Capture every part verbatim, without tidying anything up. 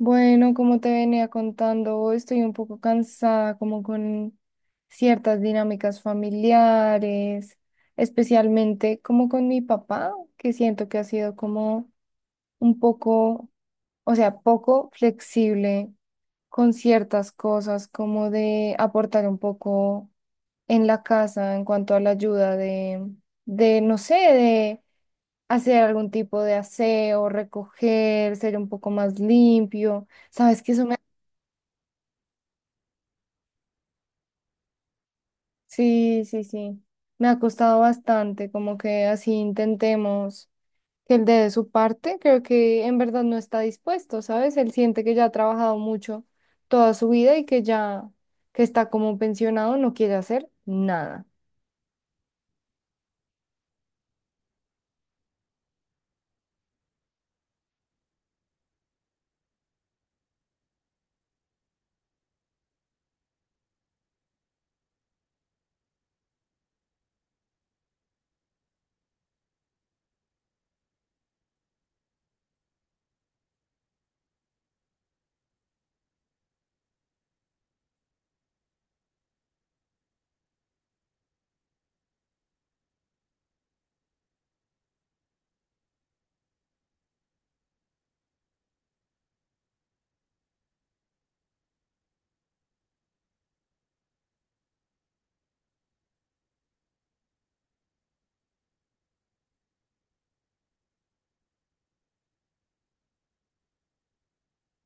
Bueno, como te venía contando, hoy estoy un poco cansada, como con ciertas dinámicas familiares, especialmente como con mi papá, que siento que ha sido como un poco, o sea, poco flexible con ciertas cosas, como de aportar un poco en la casa en cuanto a la ayuda de, de, no sé, de hacer algún tipo de aseo, recoger, ser un poco más limpio. Sabes que eso. Sí, sí, sí. Me ha costado bastante, como que así intentemos que él dé de su parte. Creo que en verdad no está dispuesto, ¿sabes? Él siente que ya ha trabajado mucho toda su vida y que ya que está como pensionado, no quiere hacer nada.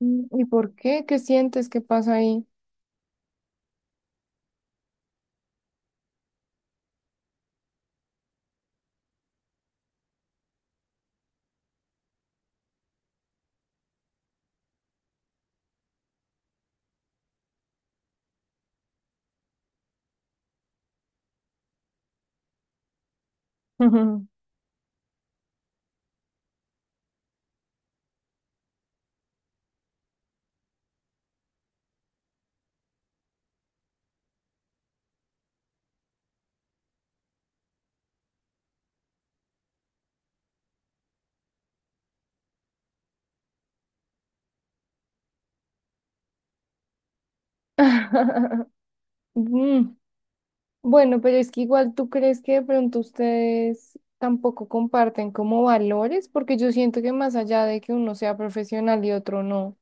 Mm, ¿y por qué? ¿Qué sientes? ¿Qué pasa ahí? Mm, bueno, pero es que igual tú crees que de pronto ustedes tampoco comparten como valores, porque yo siento que más allá de que uno sea profesional y otro no.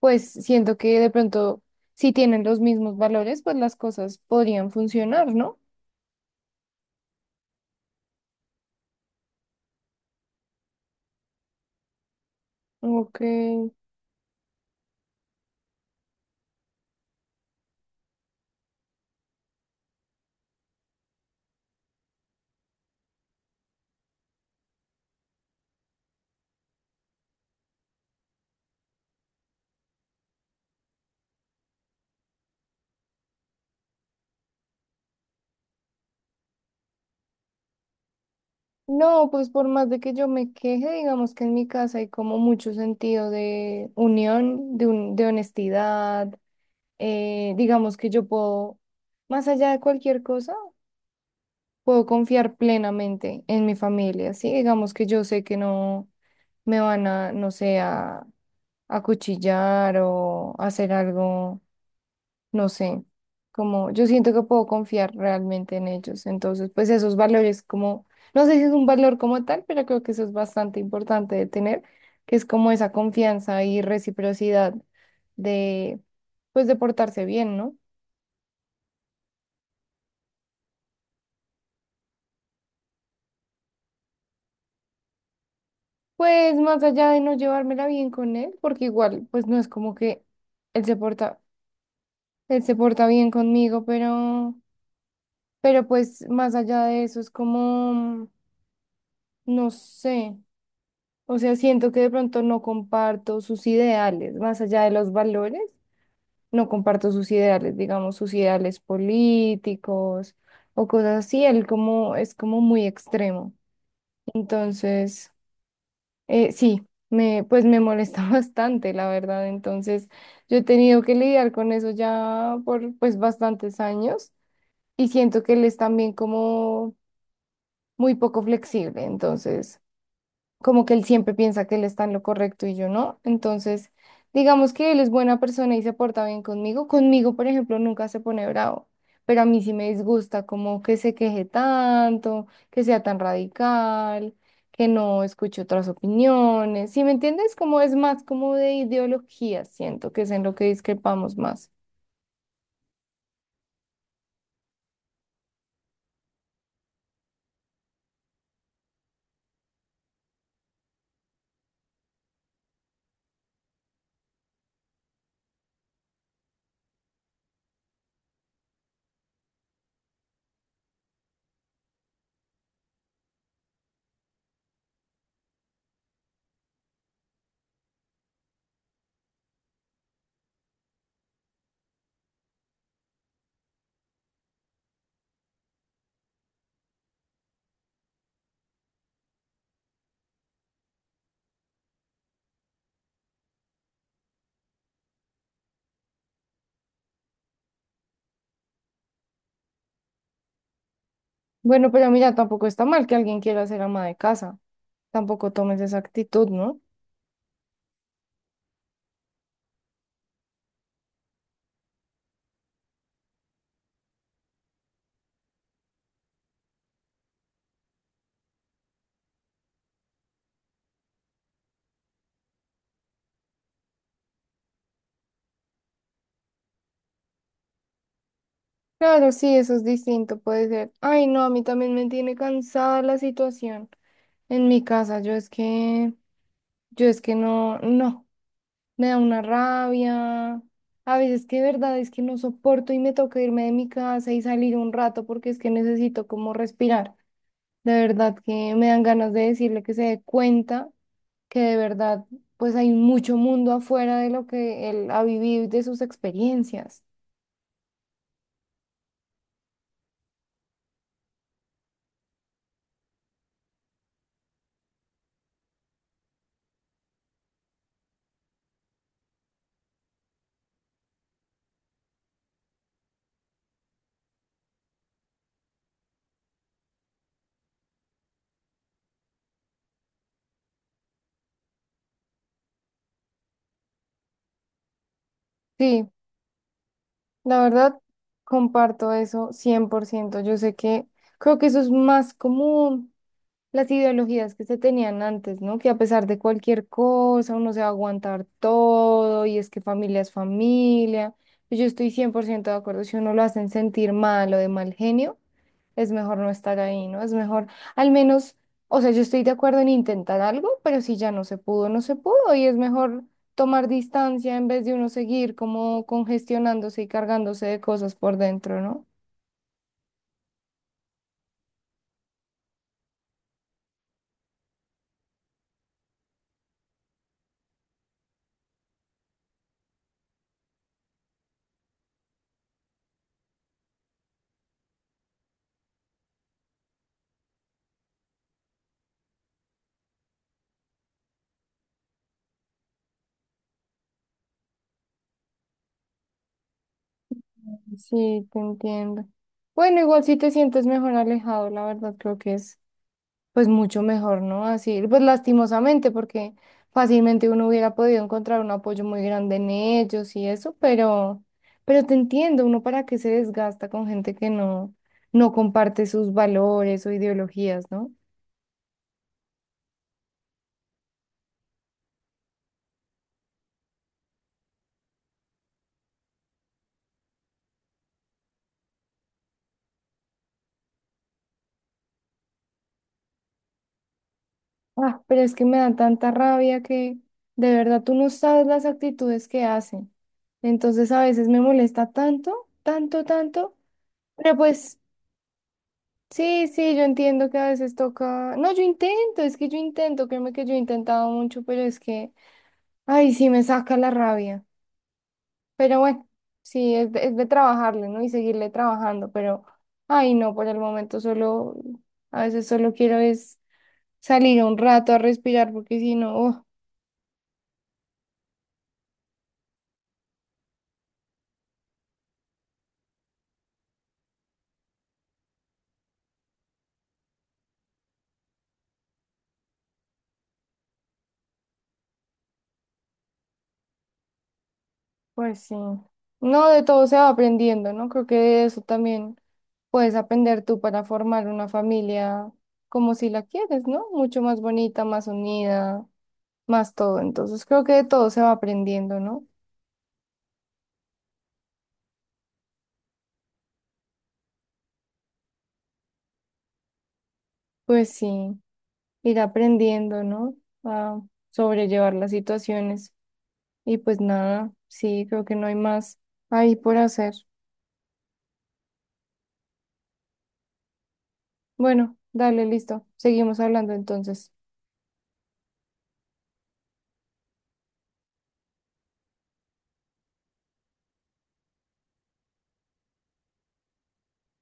Pues siento que de pronto, si tienen los mismos valores, pues las cosas podrían funcionar, ¿no? Ok. No, pues por más de que yo me queje, digamos que en mi casa hay como mucho sentido de unión, de, un- de honestidad, eh, digamos que yo puedo, más allá de cualquier cosa, puedo confiar plenamente en mi familia, ¿sí? Digamos que yo sé que no me van a, no sé, a a acuchillar o hacer algo, no sé, como yo siento que puedo confiar realmente en ellos. Entonces, pues esos valores como, no sé si es un valor como tal, pero creo que eso es bastante importante de tener, que es como esa confianza y reciprocidad de, pues de portarse bien, ¿no? Pues más allá de no llevármela bien con él, porque igual, pues no es como que él se porta, él se porta bien conmigo, pero, pero pues más allá de eso es como, no sé. O sea, siento que de pronto no comparto sus ideales, más allá de los valores, no comparto sus ideales, digamos, sus ideales políticos o cosas así. Él como es como muy extremo. Entonces, eh, sí, me, pues me molesta bastante, la verdad. Entonces, yo he tenido que lidiar con eso ya por pues bastantes años y siento que él es también como muy poco flexible. Entonces, como que él siempre piensa que él está en lo correcto y yo no. Entonces, digamos que él es buena persona y se porta bien conmigo. Conmigo, por ejemplo, nunca se pone bravo, pero a mí sí me disgusta como que se queje tanto, que sea tan radical, que no escuche otras opiniones. ¿Sí me entiendes? Como es más como de ideología, siento que es en lo que discrepamos más. Bueno, pero mira, tampoco está mal que alguien quiera ser ama de casa. Tampoco tomes esa actitud, ¿no? Claro, sí, eso es distinto, puede ser. Ay, no, a mí también me tiene cansada la situación en mi casa. Yo es que, yo es que no, no, me da una rabia. A veces que de verdad es que no soporto y me toca irme de mi casa y salir un rato porque es que necesito como respirar. De verdad que me dan ganas de decirle que se dé cuenta que de verdad pues hay mucho mundo afuera de lo que él ha vivido y de sus experiencias. Sí. La verdad, comparto eso cien por ciento. Yo sé que creo que eso es más común, las ideologías que se tenían antes, ¿no? Que a pesar de cualquier cosa uno se va a aguantar todo y es que familia es familia. Yo estoy cien por ciento de acuerdo, si uno lo hacen sentir mal o de mal genio, es mejor no estar ahí, ¿no? Es mejor, al menos, o sea, yo estoy de acuerdo en intentar algo, pero si ya no se pudo, no se pudo y es mejor tomar distancia en vez de uno seguir como congestionándose y cargándose de cosas por dentro, ¿no? Sí, te entiendo. Bueno, igual si te sientes mejor alejado, la verdad creo que es pues mucho mejor, ¿no? Así, pues lastimosamente, porque fácilmente uno hubiera podido encontrar un apoyo muy grande en ellos y eso, pero, pero te entiendo, uno para qué se desgasta con gente que no, no comparte sus valores o ideologías, ¿no? Ah, pero es que me da tanta rabia que de verdad tú no sabes las actitudes que hacen. Entonces a veces me molesta tanto, tanto, tanto. Pero pues sí, sí, yo entiendo que a veces toca. No, yo intento, es que yo intento, créeme que yo he intentado mucho, pero es que, ay, sí me saca la rabia. Pero bueno, sí, es de, es de trabajarle, ¿no? Y seguirle trabajando, pero, ay, no, por el momento solo, a veces solo quiero es salir un rato a respirar, porque si no, oh, pues sí. No, de todo se va aprendiendo, ¿no? Creo que de eso también puedes aprender tú para formar una familia como si la quieres, ¿no? Mucho más bonita, más unida, más todo. Entonces creo que de todo se va aprendiendo, ¿no? Pues sí, ir aprendiendo, ¿no? A sobrellevar las situaciones. Y pues nada, sí, creo que no hay más ahí por hacer. Bueno, dale, listo. Seguimos hablando entonces.